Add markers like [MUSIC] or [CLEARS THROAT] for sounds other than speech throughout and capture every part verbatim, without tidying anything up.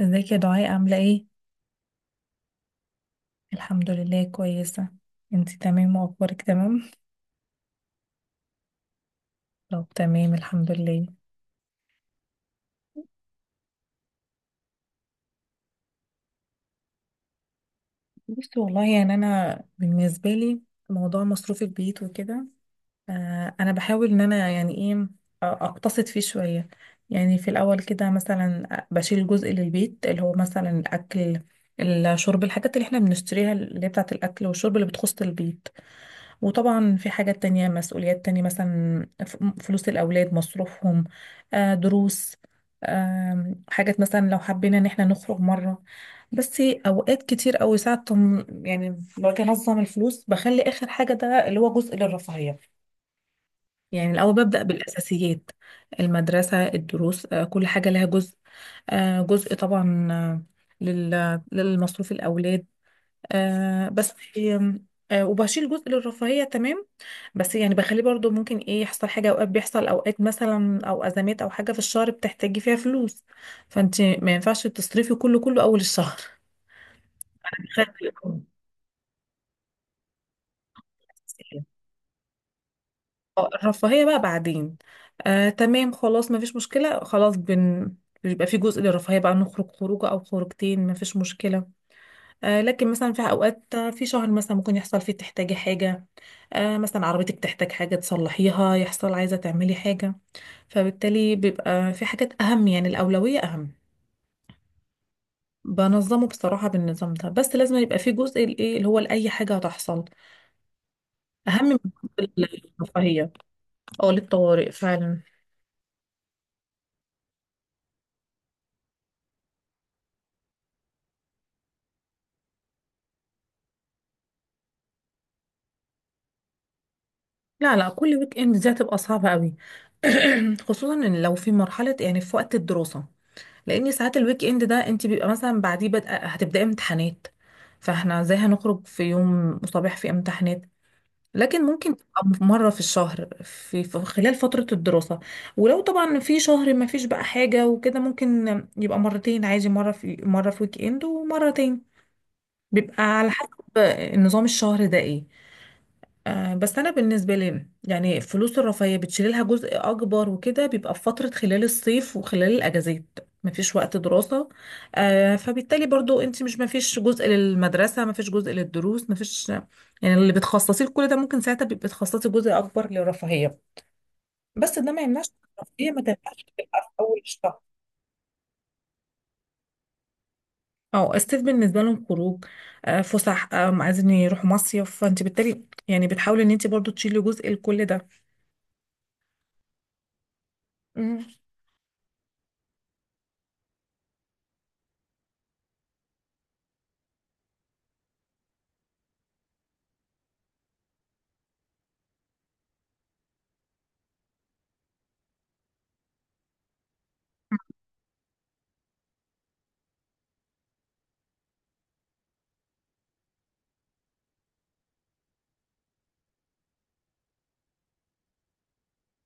ازيك يا دعاء عاملة ايه؟ الحمد لله، كويسة. انتي تمام واخبارك تمام؟ طب، تمام الحمد لله. بصي والله، يعني انا بالنسبة لي موضوع مصروف البيت وكده، آه انا بحاول ان انا يعني ايه، آه، اقتصد فيه شوية. يعني في الاول كده مثلا بشيل جزء للبيت، اللي هو مثلا الاكل، الشرب، الحاجات اللي احنا بنشتريها اللي هي بتاعة الاكل والشرب اللي بتخص البيت. وطبعا في حاجات تانية، مسؤوليات تانية، مثلا ف- فلوس الأولاد، مصروفهم، آه، دروس، آم، حاجات مثلا لو حبينا إن احنا نخرج مرة. بس أوقات كتير أوي، ساعة تم- يعني باجي أنظم الفلوس بخلي آخر حاجة ده اللي هو جزء للرفاهية. يعني الأول ببدأ بالأساسيات، المدرسة، الدروس، آه، كل حاجة لها جزء، آه، جزء طبعا آه، لل- للمصروف الأولاد آه بس. آم، آه وبشيل جزء للرفاهية تمام، بس يعني بخليه برضو ممكن ايه يحصل حاجة، اوقات بيحصل اوقات مثلا او ازمات او حاجة في الشهر بتحتاجي فيها فلوس. فانت ما ينفعش تصرفي كله كله اول الشهر. [LAUGHS] خلي يكون أساسية. آه، الرفاهية بقى بعدين. آه تمام، خلاص ما فيش مشكلة، خلاص بن بيبقى في جزء للرفاهية بقى، نخرج خروجة او خروجتين، ما فيش مشكلة. آه، لكن مثلا في اوقات، آه، في شهر مثلا ممكن يحصل فيه تحتاجي حاجه، آه، مثلا عربيتك تحتاج حاجه تصلحيها، يحصل عايزه تعملي حاجه، فبالتالي بيبقى في حاجات اهم، يعني الاولويه اهم. بنظمه بصراحه بالنظام ده، بس لازم يبقى في جزء الايه اللي هو لاي حاجه هتحصل اهم من جزء الرفاهيه، او للطوارئ فعلا. لا لا كل ويك اند دي هتبقى صعبه قوي. [CLEARS THROAT] خصوصا ان لو في مرحله، يعني في وقت الدراسه، لان ساعات الويك اند ده انت بيبقى مثلا بعديه بدأ هتبداي امتحانات، فاحنا ازاي هنخرج في يوم صباح في امتحانات؟ لكن ممكن تبقى مرة في الشهر، في في خلال فترة الدراسة. ولو طبعا في شهر ما فيش بقى حاجة وكده، ممكن يبقى مرتين عادي، مرة في مرة في ويك اند ومرتين، بيبقى على حسب نظام الشهر ده ايه. آه، بس انا بالنسبه لي يعني فلوس الرفاهيه بتشيل لها جزء اكبر، وكده بيبقى في فتره خلال الصيف وخلال الاجازات مفيش وقت دراسه، آه، فبالتالي برضو انت مش مفيش جزء للمدرسه، مفيش جزء للدروس، مفيش يعني اللي بتخصصيه لكل ده، ممكن ساعتها بيبقى بتخصصي جزء اكبر للرفاهيه. بس ده ما يمنعش إن الرفاهيه ما تنفعش تبقى في اول الشهر. اه الصيف بالنسبه لهم خروج، آه، فسح، آه، عايزين يروحوا مصيف، فانت بالتالي يعني بتحاولي ان انت برضو تشيلي جزء لكل ده.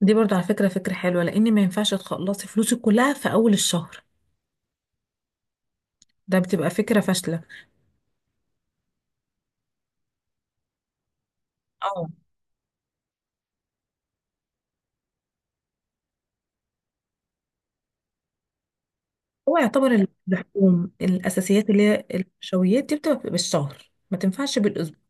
دي برضو على فكرة فكرة حلوة، لأن ما ينفعش تخلصي فلوسك كلها في أول الشهر، ده بتبقى فكرة فاشلة. اه هو يعتبر اللحوم، الأساسيات اللي هي النشويات دي بتبقى بالشهر، ما تنفعش بالأسبوع.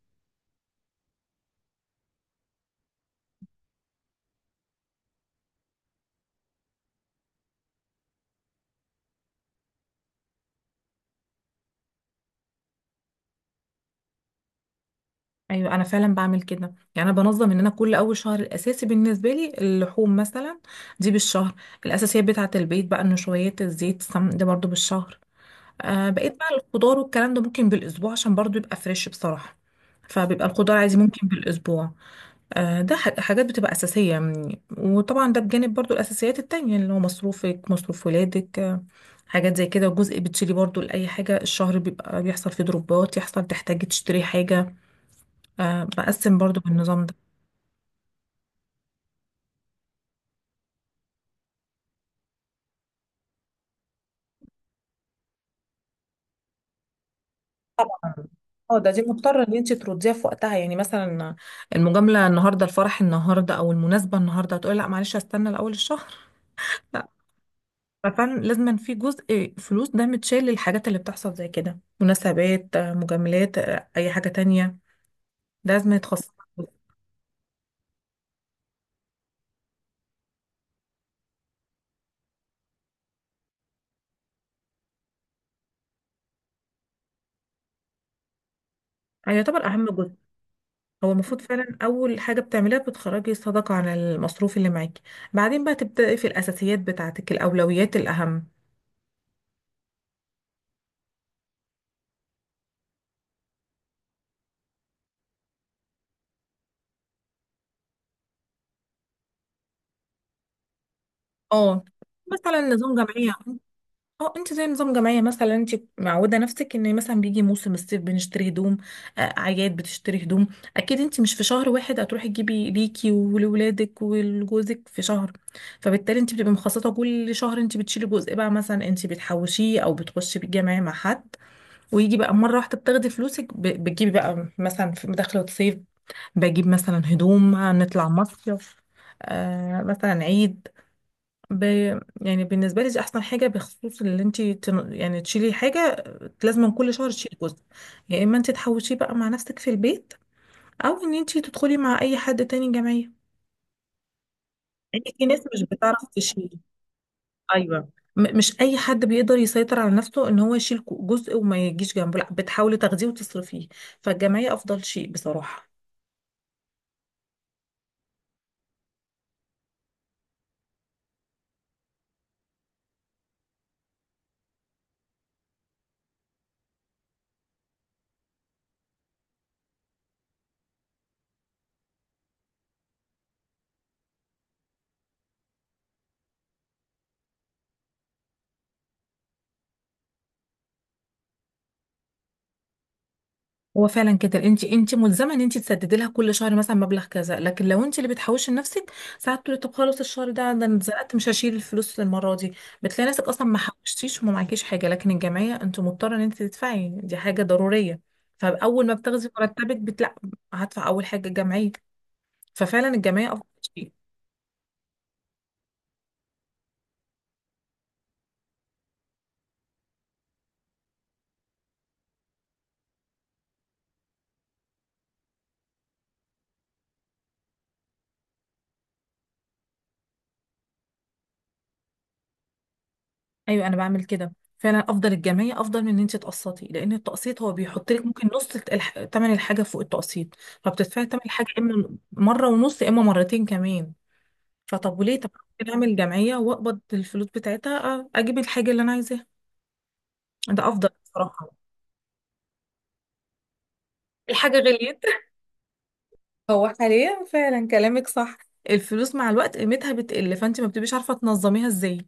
أيوة أنا فعلا بعمل كده، يعني أنا بنظم إن أنا كل أول شهر الأساسي بالنسبة لي اللحوم مثلا دي بالشهر، الأساسيات بتاعة البيت بقى، النشويات، الزيت، السمن، ده برضو بالشهر. آه بقيت بقى الخضار والكلام ده ممكن بالأسبوع عشان برضو يبقى فريش بصراحة، فبيبقى الخضار عادي ممكن بالأسبوع. آه، ده ح- حاجات بتبقى أساسية يعني. وطبعا ده بجانب برضو الأساسيات التانية اللي هو مصروفك، مصروف ولادك، آه، حاجات زي كده، وجزء بتشيلي برضو لأي حاجة الشهر بيبقى بيحصل فيه ضروبات، يحصل تحتاجي تشتري حاجة، آه، بقسم برضو بالنظام ده. طبعا اه ده دي مضطرة ان انت ترديها في وقتها، يعني مثلا المجاملة النهاردة، الفرح النهاردة، او المناسبة النهاردة، هتقولي لا معلش هستنى لأول الشهر؟ لا. ففعلا لازم في جزء فلوس ده متشال للحاجات اللي بتحصل زي كده، مناسبات، آه، مجاملات، آه، اي حاجة تانية، لازم يتخصص. يعني يعتبر اهم جزء، هو المفروض فعلا اول حاجه بتعمليها بتخرجي صداقه عن المصروف اللي معاكي، بعدين بقى تبداي في الاساسيات بتاعتك، الاولويات الاهم. اه مثلا نظام جمعيه. اه انت زي نظام جمعيه، مثلا انت معوده نفسك ان مثلا بيجي موسم الصيف بنشتري هدوم، آه، اعياد بتشتري هدوم، اكيد انت مش في شهر واحد هتروحي تجيبي ليكي ولولادك ولجوزك في شهر، فبالتالي انت بتبقي مخصصه كل شهر، انت بتشيلي جزء بقى مثلا، انت بتحوشيه او بتخشي بالجمعيه مع حد، ويجي بقى مرة واحدة بتاخدي فلوسك ب- بتجيبي بقى مثلا في دخلة صيف، بجيب مثلا هدوم، نطلع مصيف، آه مثلا عيد. ب... يعني بالنسبة لي دي أحسن حاجة، بخصوص اللي انت تن... يعني تشيلي حاجة، لازم كل شهر تشيلي جزء، يا إما انت تحوشيه بقى مع نفسك في البيت، أو إن انت تدخلي مع أي حد تاني جمعية. يعني في ناس مش بتعرف تشيل. ايوه، م- مش اي حد بيقدر يسيطر على نفسه ان هو يشيل كو- جزء وما يجيش جنبه، لا بتحاولي تاخديه وتصرفيه، فالجمعيه افضل شيء بصراحه. هو فعلا كده، انت انت ملزمه ان انت تسددي لها كل شهر مثلا مبلغ كذا، لكن لو انت اللي بتحوشي لنفسك، ساعات تقولي طب خلاص الشهر ده، ده انا اتزنقت مش هشيل الفلوس للمره دي، بتلاقي نفسك اصلا ما حوشتيش وما معكيش حاجه، لكن الجمعيه انت مضطره ان انت تدفعي، دي حاجه ضروريه. فاول ما بتاخدي مرتبك بتلا هدفع اول حاجه الجمعيه، ففعلا الجمعيه افضل شيء. ايوه انا بعمل كده فعلا، افضل الجمعيه افضل من ان انت تقسطي، لان التقسيط هو بيحط لك ممكن نص الح- تمن الحاجه فوق التقسيط، فبتدفعي تمن الحاجه اما مره ونص اما مرتين كمان. فطب وليه؟ طب ممكن اعمل جمعيه واقبض الفلوس بتاعتها، أ- اجيب الحاجه اللي انا عايزاها، ده افضل بصراحه. الحاجه غليت. [LAUGHS] هو حاليا فعلا كلامك صح، الفلوس مع الوقت قيمتها بتقل، فانت ما بتبقيش عارفه تنظميها ازاي.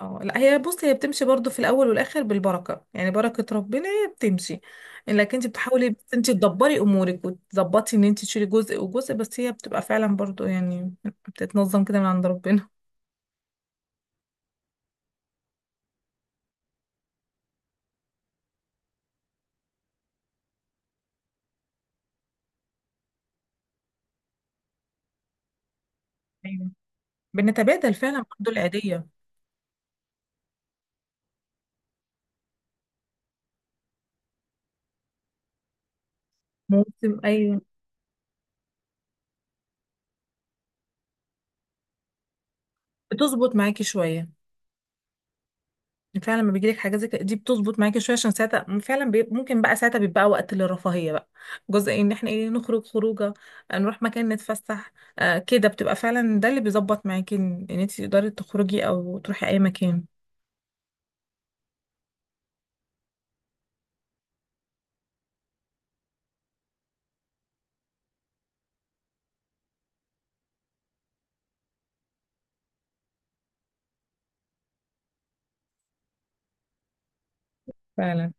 اه لا هي بص، هي بتمشي برضو في الاول والاخر بالبركه، يعني بركه ربنا هي بتمشي، لكن انت بتحاولي بس انت تدبري امورك وتظبطي ان انت تشيلي جزء وجزء، بس هي بتبقى فعلا برضو يعني بتتنظم كده من عند ربنا. ايوه بنتبادل فعلا برضو العيديه. موسم ايوه. بتظبط معاكي شويه، فعلا لما بيجيلك حاجه زي كده دي بتظبط معاكي شويه، عشان ساعتها فعلا بي... ممكن بقى ساعتها بيبقى وقت للرفاهيه بقى، جزء ان احنا ايه نخرج خروجه، آه، نروح مكان نتفسح، آه كده بتبقى فعلا ده اللي بيظبط معاكي ان انت تقدري تخرجي او تروحي اي مكان. فعلا.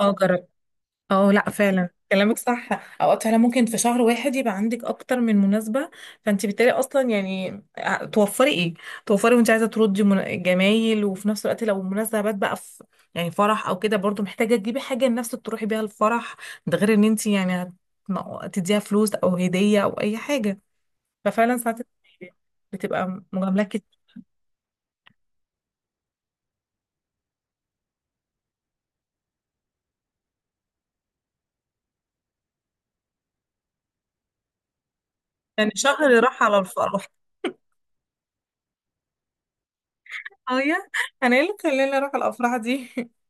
اه جربي. اه لا فعلا كلامك صح. اوقات فعلا ممكن في شهر واحد يبقى عندك اكتر من مناسبه، فانت بالتالي اصلا يعني ع- توفري ايه، توفري وانت عايزه تردي من- جمايل، وفي نفس الوقت لو مناسبات بقى في يعني فرح او كده، برضو محتاجه تجيبي حاجه لنفسك تروحي بيها الفرح، ده غير ان انت يعني هت- تديها فلوس او هديه او اي حاجه، ففعلا ساعات بتبقى مجاملات كتير. يعني شهر راح على الفرح. اه يا انا ايه اللي خلاني اروح الافراح دي؟ [LAUGHS]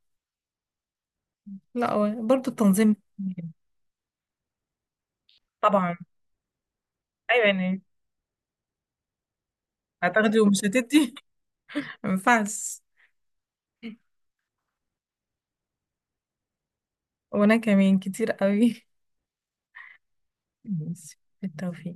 لا هو برضو التنظيم. طبعا. ايوه يعني هتاخدي ومش هتدي؟ [LAUGHS] ما ينفعش. وانا كمان كتير قوي. ماشي بالتوفيق.